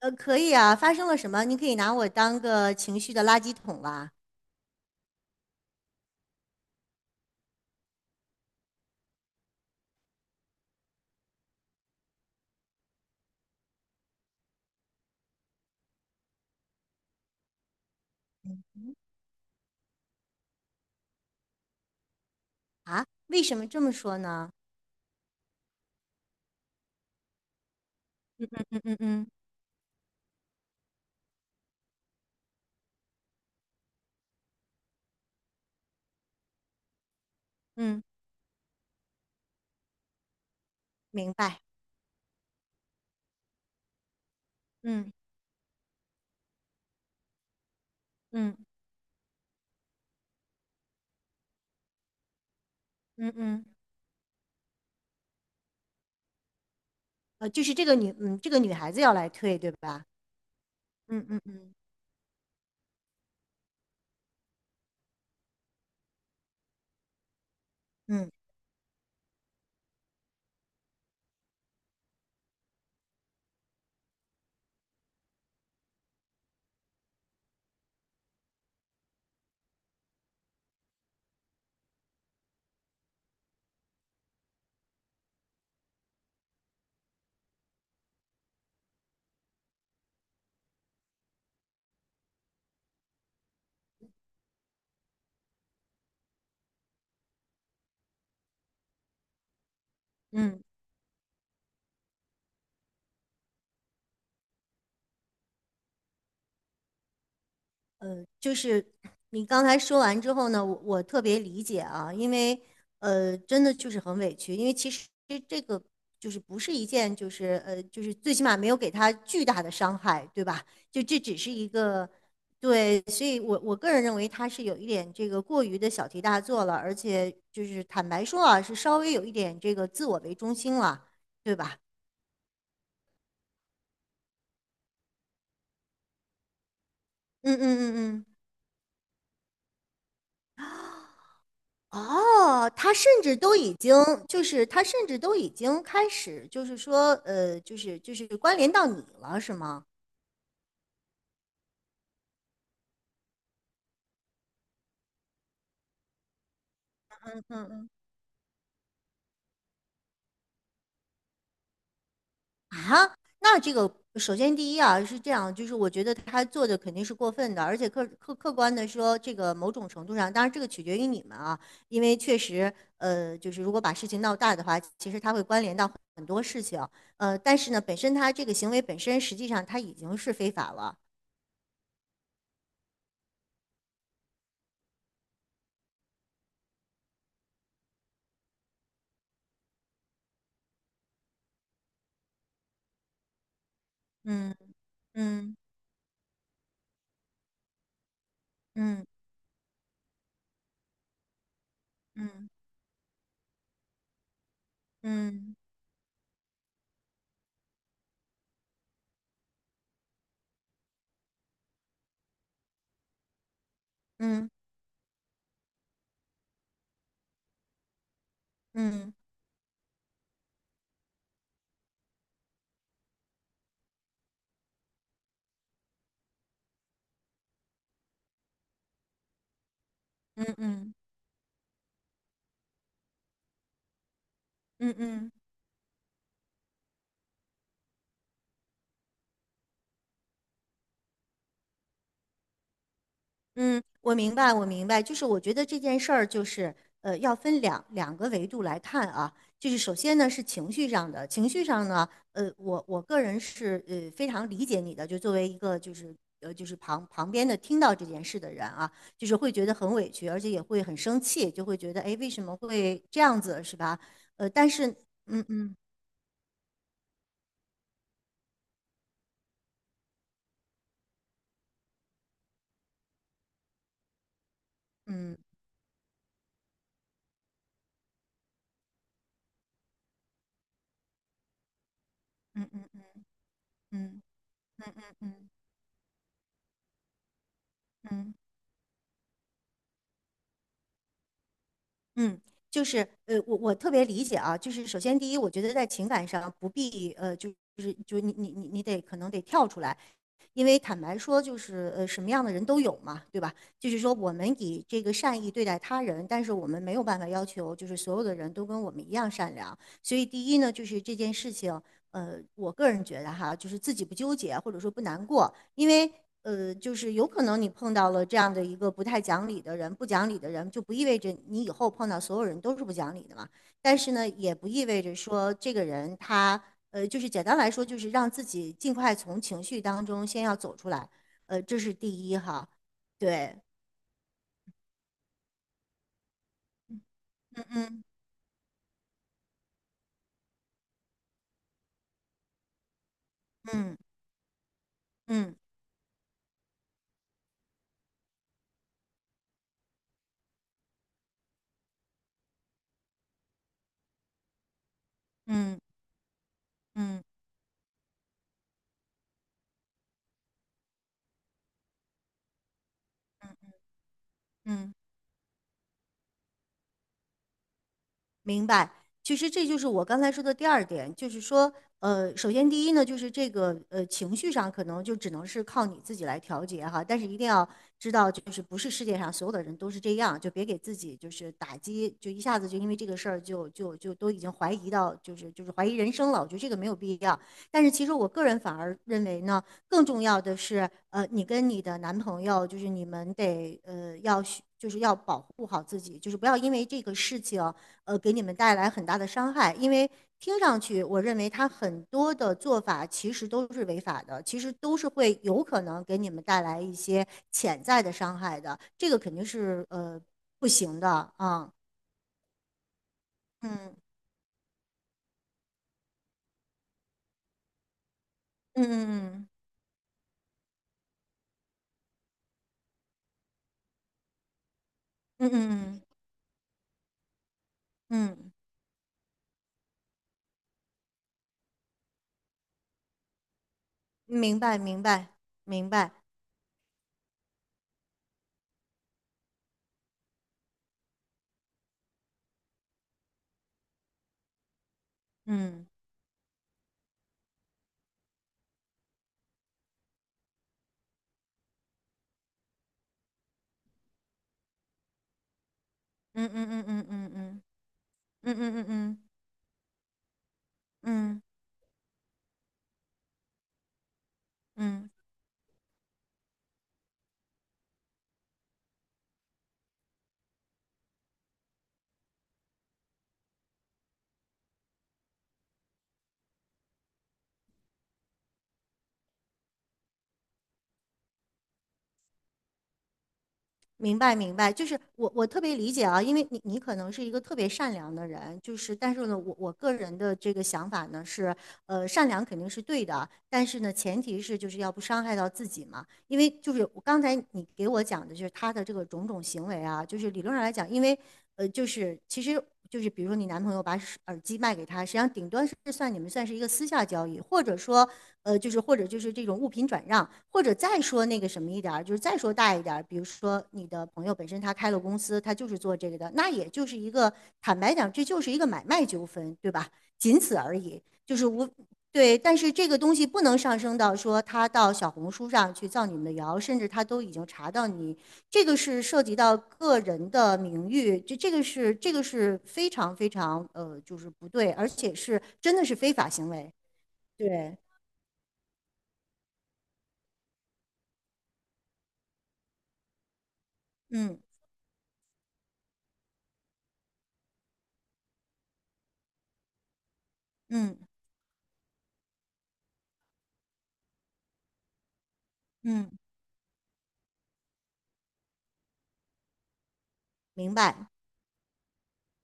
可以啊，发生了什么？你可以拿我当个情绪的垃圾桶啦。嗯哼。啊，为什么这么说呢？嗯嗯。嗯嗯嗯嗯，明白。嗯嗯嗯嗯，就是这个女，嗯，这个女孩子要来退，对吧？嗯嗯嗯嗯嗯。呃，就是你刚才说完之后呢，我特别理解啊，因为真的就是很委屈，因为其实这个不是一件就是最起码没有给他巨大的伤害，对吧？就这只是一个。对，所以我个人认为他是有一点这个过于的小题大做了，而且就是坦白说啊，是稍微有一点这个自我为中心了，对吧？嗯。嗯嗯嗯。哦，他甚至都已经。就是他甚至都已经开始关联到你了是吗？嗯嗯。啊，那这个首先第一啊是这样，就是我觉得他做的肯定是过分的，而且客观的说，这个某种程度上，当然这个取决于你们啊，因为确实，就是如果把事情闹大的话，其实他会关联到很多事情，但是呢，本身他这个行为本身实际上他已经是非法了，嗯嗯嗯嗯。嗯嗯嗯嗯嗯嗯嗯。嗯，我明白，我明白。就是我觉得这件事儿，要分两个维度来看啊。就是首先呢是情绪上的，情绪上呢，我个人是非常理解你的，就作为一个旁边的听到这件事的人啊，就是会觉得很委屈，而且也会很生气，就会觉得哎为什么会这样子是吧？呃，但是嗯嗯嗯嗯嗯嗯嗯嗯嗯嗯嗯。嗯嗯嗯。嗯，就是我特别理解啊，就是首先第一，我觉得在情感上不必就是就你得可能得跳出来，因为坦白说，什么样的人都有嘛，对吧？就是说，我们以这个善意对待他人，但是我们没有办法要求，就是所有的人都跟我们一样善良。所以，第一呢，就是这件事情，我个人觉得哈，就是自己不纠结或者说不难过，因为就是有可能你碰到了这样的一个不太讲理的人，不讲理的人就不意味着你以后碰到所有人都是不讲理的嘛。但是呢，也不意味着说这个人他就是简单来说，就是让自己尽快从情绪当中先要走出来，这是第一哈。对，嗯嗯嗯嗯嗯嗯嗯。明白，其实这就是我刚才说的第二点，就是说，首先第一呢，就是这个情绪上可能就只能是靠你自己来调节哈，但是一定要知道，就是不是世界上所有的人都是这样，就别给自己就是打击，就一下子就因为这个事儿就都已经怀疑到就是怀疑人生了，我觉得这个没有必要。但是其实我个人反而认为呢，更重要的是，你跟你的男朋友，就是你们得要要保护好自己，就是不要因为这个事情。给你们带来很大的伤害，因为听上去，我认为他很多的做法其实都是违法的，其实都是会有可能给你们带来一些潜在的伤害的，这个肯定是不行的啊。嗯，嗯嗯嗯嗯嗯嗯，明白明白明白，嗯嗯嗯嗯嗯嗯嗯嗯嗯嗯嗯嗯嗯。明白，明白，就是我特别理解啊，因为你你可能是一个特别善良的人，就是但是呢，我个人的这个想法呢是，善良肯定是对的，但是呢，前提是就是要不伤害到自己嘛，因为就是我刚才你给我讲的就是他的这个种种行为啊，就是理论上来讲，因为其实就是比如说你男朋友把耳机卖给他，实际上顶端是算你们算是一个私下交易，或者说就是或者就是这种物品转让，或者再说那个什么一点儿，就是再说大一点儿，比如说你的朋友本身他开了公司，他就是做这个的，那也就是一个坦白讲，这就是一个买卖纠纷，对吧？仅此而已，就是无。对，但是这个东西不能上升到说他到小红书上去造你们的谣，甚至他都已经查到你，这个是涉及到个人的名誉，这个是这个是非常非常就是不对，而且是真的是非法行为，对，嗯。嗯。嗯，明白，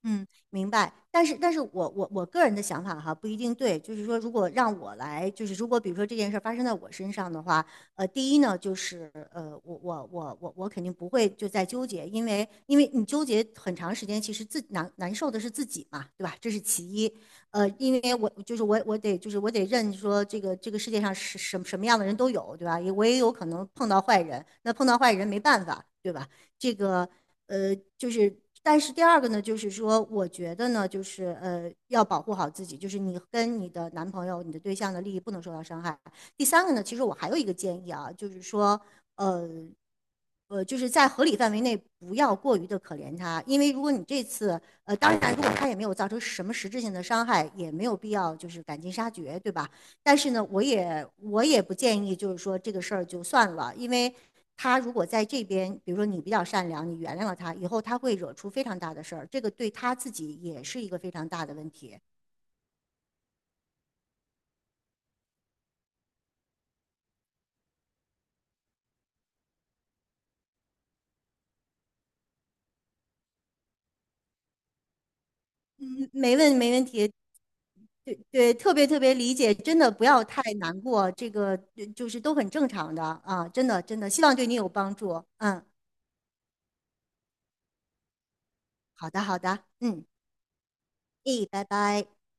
嗯，明白。但是，但是我个人的想法哈不一定对，就是说，如果让我来，就是如果比如说这件事儿发生在我身上的话，第一呢，我肯定不会就在纠结，因为因为你纠结很长时间，其实自难难受的是自己嘛，对吧？这是其一。因为我就是我我得就是我得认说这个这个世界上是什么样的人都有，对吧？也我也有可能碰到坏人，那碰到坏人没办法，对吧？这个。呃，就是但是第二个呢，就是说，我觉得呢，要保护好自己，就是你跟你的男朋友、你的对象的利益不能受到伤害。第三个呢，其实我还有一个建议啊，就是说，呃。就是在合理范围内，不要过于的可怜他，因为如果你这次，呃，当然，如果他也没有造成什么实质性的伤害，也没有必要就是赶尽杀绝，对吧？但是呢，我也不建议，就是说这个事儿就算了，因为他如果在这边，比如说你比较善良，你原谅了他，以后他会惹出非常大的事儿，这个对他自己也是一个非常大的问题。嗯，没问题，对对，特别特别理解，真的不要太难过，这个就是都很正常的啊，真的真的，希望对你有帮助。嗯，好的好的，嗯，咦，拜拜。